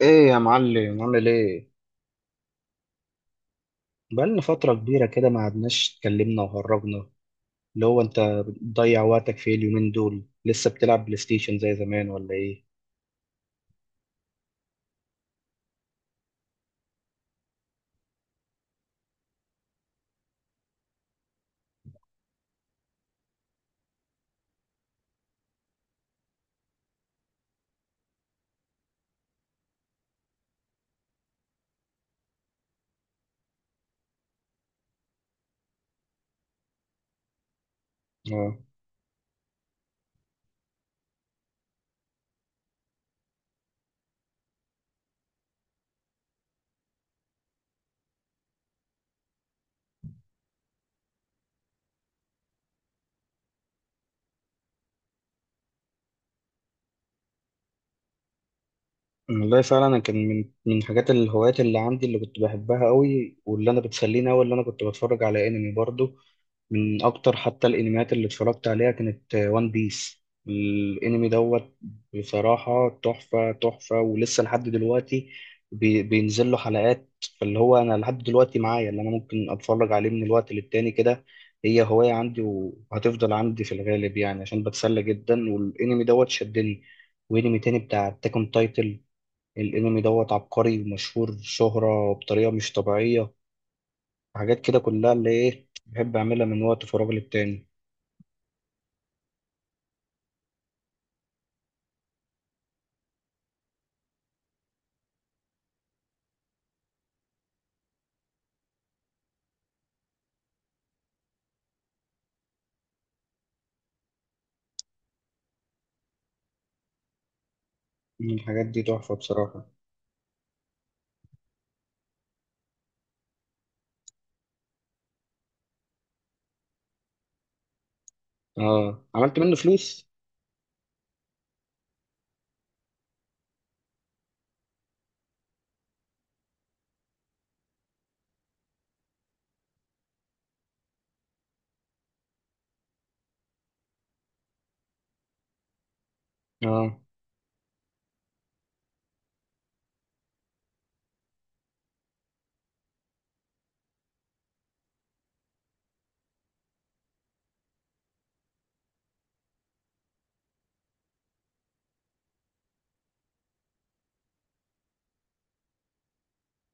ايه يا معلم، عامل ايه؟ بقالنا فترة كبيرة كده ما قعدناش اتكلمنا وهرجنا. اللي هو انت بتضيع وقتك في إيه اليومين دول؟ لسه بتلعب بلاي ستيشن زي زمان ولا ايه؟ اه. والله فعلا، انا كان من حاجات الهوايات اللي عندي اللي كنت بحبها قوي واللي انا بتسليني قوي، اللي انا كنت بتفرج على انمي برضه. من اكتر حتى الانميات اللي اتفرجت عليها كانت وان بيس. الانمي دوت بصراحة تحفة تحفة، ولسه لحد دلوقتي بينزل له حلقات. فاللي هو انا لحد دلوقتي معايا اللي انا ممكن اتفرج عليه من الوقت للتاني كده. هي هواية عندي وهتفضل عندي في الغالب يعني، عشان بتسلى جدا. والانمي دوت شدني، وانمي تاني بتاع تاكون تايتل. الانمي دوت عبقري ومشهور شهرة بطريقة مش طبيعية. حاجات كده كلها اللي ايه بحب اعملها من وقت فراغي للتاني. مم، الحاجات دي تحفة بصراحة. اه، عملت منه فلوس. اه،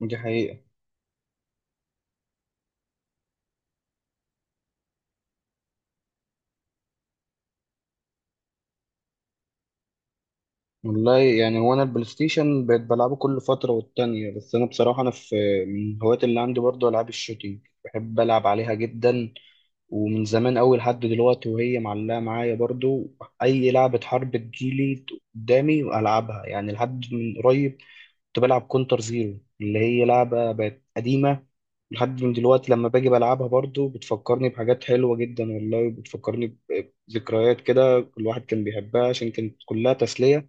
دي حقيقة. والله يعني هو انا البلاي ستيشن بقيت بلعبه كل فترة والتانية، بس انا بصراحة انا في من الهوايات اللي عندي برضه العاب الشوتينج. بحب العب عليها جدا، ومن زمان أوي لحد دلوقتي وهي معلقة معايا برضه. اي لعبة حرب تجيلي قدامي والعبها يعني. لحد من قريب كنت بلعب كونتر زيرو اللي هي لعبة بقت قديمة. لحد من دلوقتي لما باجي بلعبها برضو بتفكرني بحاجات حلوة جدا، والله بتفكرني بذكريات كده الواحد كان بيحبها، عشان كانت كلها تسلية.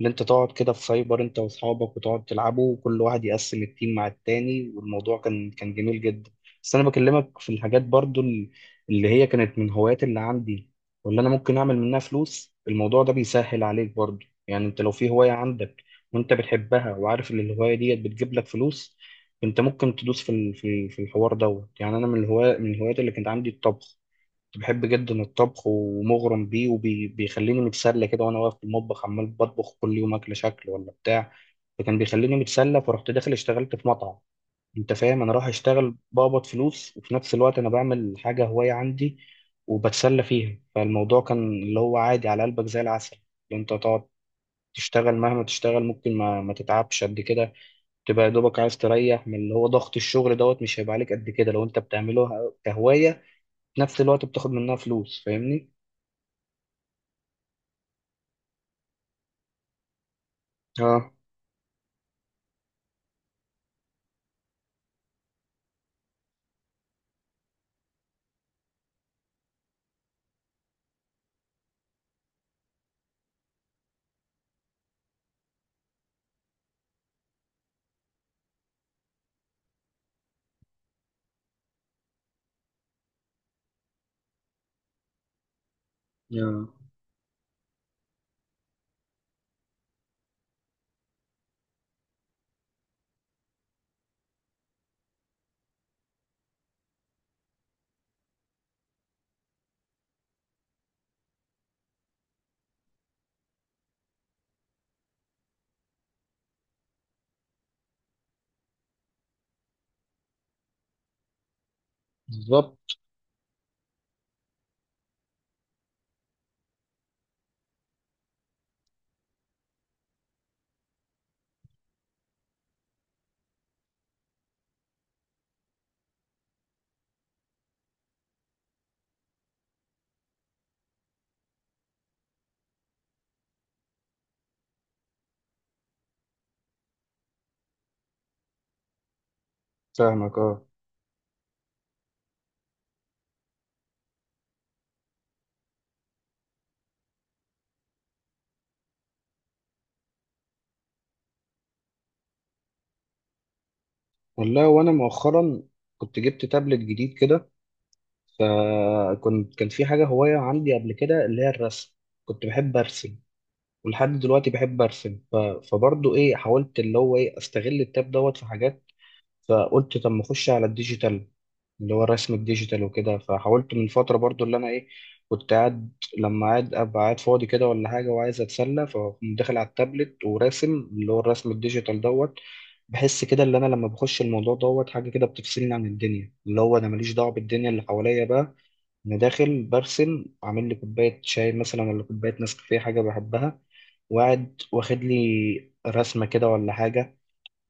ان انت تقعد كده في سايبر انت واصحابك وتقعد تلعبوا وكل واحد يقسم التيم مع التاني، والموضوع كان جميل جدا. بس انا بكلمك في الحاجات برضو اللي هي كانت من هوايات اللي عندي واللي انا ممكن اعمل منها فلوس. الموضوع ده بيسهل عليك برضو يعني، انت لو في هواية عندك وانت بتحبها وعارف ان الهواية ديت بتجيب لك فلوس، انت ممكن تدوس في ال- في في الحوار دوت. يعني انا من الهوايات اللي كانت عندي الطبخ، كنت بحب جدا الطبخ ومغرم بيه وبيخليني متسلى كده وانا واقف في المطبخ عمال بطبخ كل يوم اكل شكل ولا بتاع. فكان بيخليني متسلى، فرحت داخل اشتغلت في مطعم. انت فاهم، انا رايح اشتغل بقبض فلوس وفي نفس الوقت انا بعمل حاجه هوايه عندي وبتسلى فيها. فالموضوع كان اللي هو عادي على قلبك زي العسل. اللي انت تقعد تشتغل مهما تشتغل ممكن ما تتعبش قد كده. تبقى يا دوبك عايز تريح من اللي هو ضغط الشغل دوت، مش هيبقى عليك قد كده لو انت بتعمله كهوايه، في نفس الوقت بتاخد منها فلوس. فاهمني؟ اه، آه، بالظبط. فاهمك، اه. والله وانا مؤخرا كنت جبت تابلت جديد كده. فكنت كان في حاجه هوايه عندي قبل كده اللي هي الرسم، كنت بحب ارسم ولحد دلوقتي بحب ارسم. فبرضه ايه حاولت اللي هو ايه استغل التاب دوت في حاجات. فقلت طب ما اخش على الديجيتال اللي هو الرسم الديجيتال وكده. فحاولت من فترة برضو اللي أنا إيه كنت قاعد، لما قاعد أبقى قاعد فاضي كده ولا حاجة وعايز أتسلى فأقوم داخل على التابلت وراسم اللي هو الرسم الديجيتال دوت. بحس كده اللي أنا لما بخش الموضوع دوت حاجة كده بتفصلني عن الدنيا، اللي هو أنا ماليش دعوة بالدنيا اللي حواليا بقى. أنا داخل برسم عامل لي كوباية شاي مثلا ولا كوباية نسكافيه حاجة بحبها، وقاعد واخد لي رسمة كده ولا حاجة.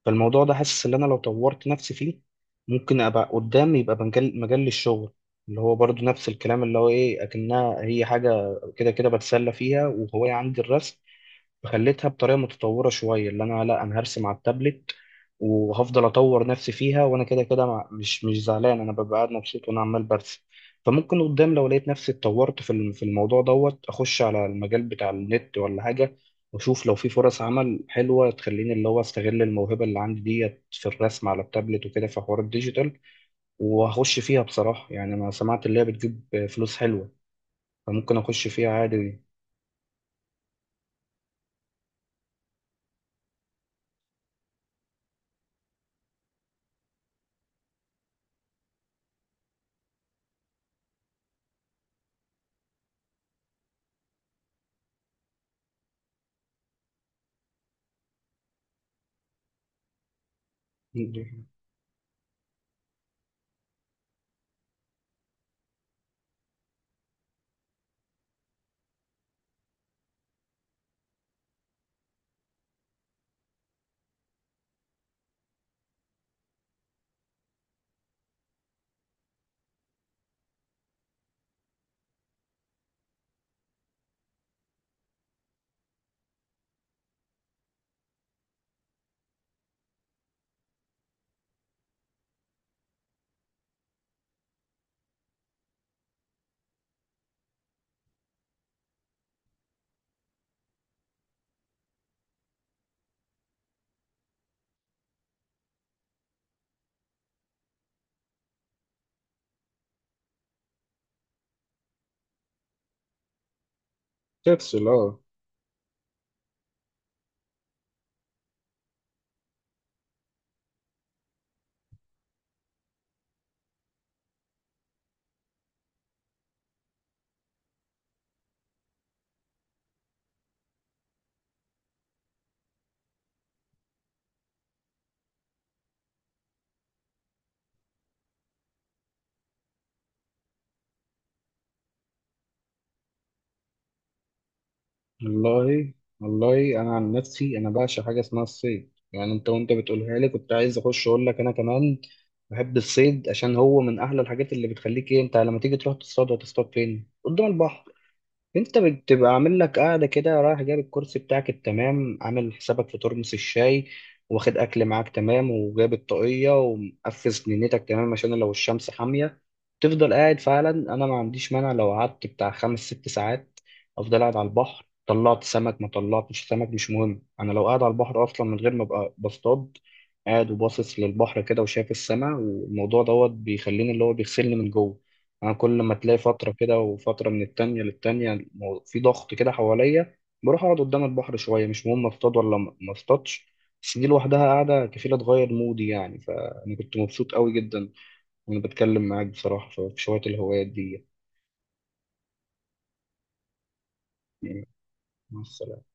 فالموضوع ده حاسس ان انا لو طورت نفسي فيه ممكن ابقى قدام يبقى مجال مجال للشغل. اللي هو برضو نفس الكلام اللي هو ايه اكنها هي حاجه كده كده بتسلى فيها وهوايه عندي الرسم، خليتها بطريقه متطوره شويه اللي انا لا انا هرسم على التابلت وهفضل اطور نفسي فيها، وانا كده كده مش زعلان، انا ببقى قاعد مبسوط وانا عمال برسم. فممكن قدام لو لقيت نفسي اتطورت في الموضوع دوت اخش على المجال بتاع النت ولا حاجه، واشوف لو في فرص عمل حلوه تخليني اللي هو استغل الموهبه اللي عندي ديت في الرسم على التابلت وكده في حوار الديجيتال. وهخش فيها بصراحه، يعني انا سمعت اللي هي بتجيب فلوس حلوه، فممكن اخش فيها عادي. تفصل، اه. والله والله انا عن نفسي انا بعشق حاجه اسمها الصيد، يعني انت وانت بتقولها لي كنت عايز اخش اقول لك انا كمان بحب الصيد. عشان هو من احلى الحاجات اللي بتخليك ايه. انت لما تيجي تروح تصطاد، هتصطاد فين؟ قدام البحر. انت بتبقى عامل لك قاعده كده، رايح جايب الكرسي بتاعك التمام، عامل حسابك في ترمس الشاي، واخد اكل معاك تمام، وجايب الطاقيه ومقفز نينتك تمام عشان لو الشمس حاميه. تفضل قاعد، فعلا انا ما عنديش مانع لو قعدت بتاع 5 6 ساعات افضل قاعد على البحر. طلعت سمك ما طلعتش سمك مش مهم، انا لو قاعد على البحر اصلا من غير ما ابقى بصطاد، قاعد وباصص للبحر كده وشايف السماء، والموضوع دوت بيخليني اللي هو بيغسلني من جوه. انا كل ما تلاقي فتره كده وفتره من التانية للتانية في ضغط كده حواليا، بروح اقعد قدام البحر شويه مش مهم اصطاد ولا ما اصطادش. بس دي لوحدها قاعده كفيله تغير مودي يعني. فانا كنت مبسوط قوي جدا وانا بتكلم معاك بصراحه في شويه الهوايات دي. يعني. مع السلامه.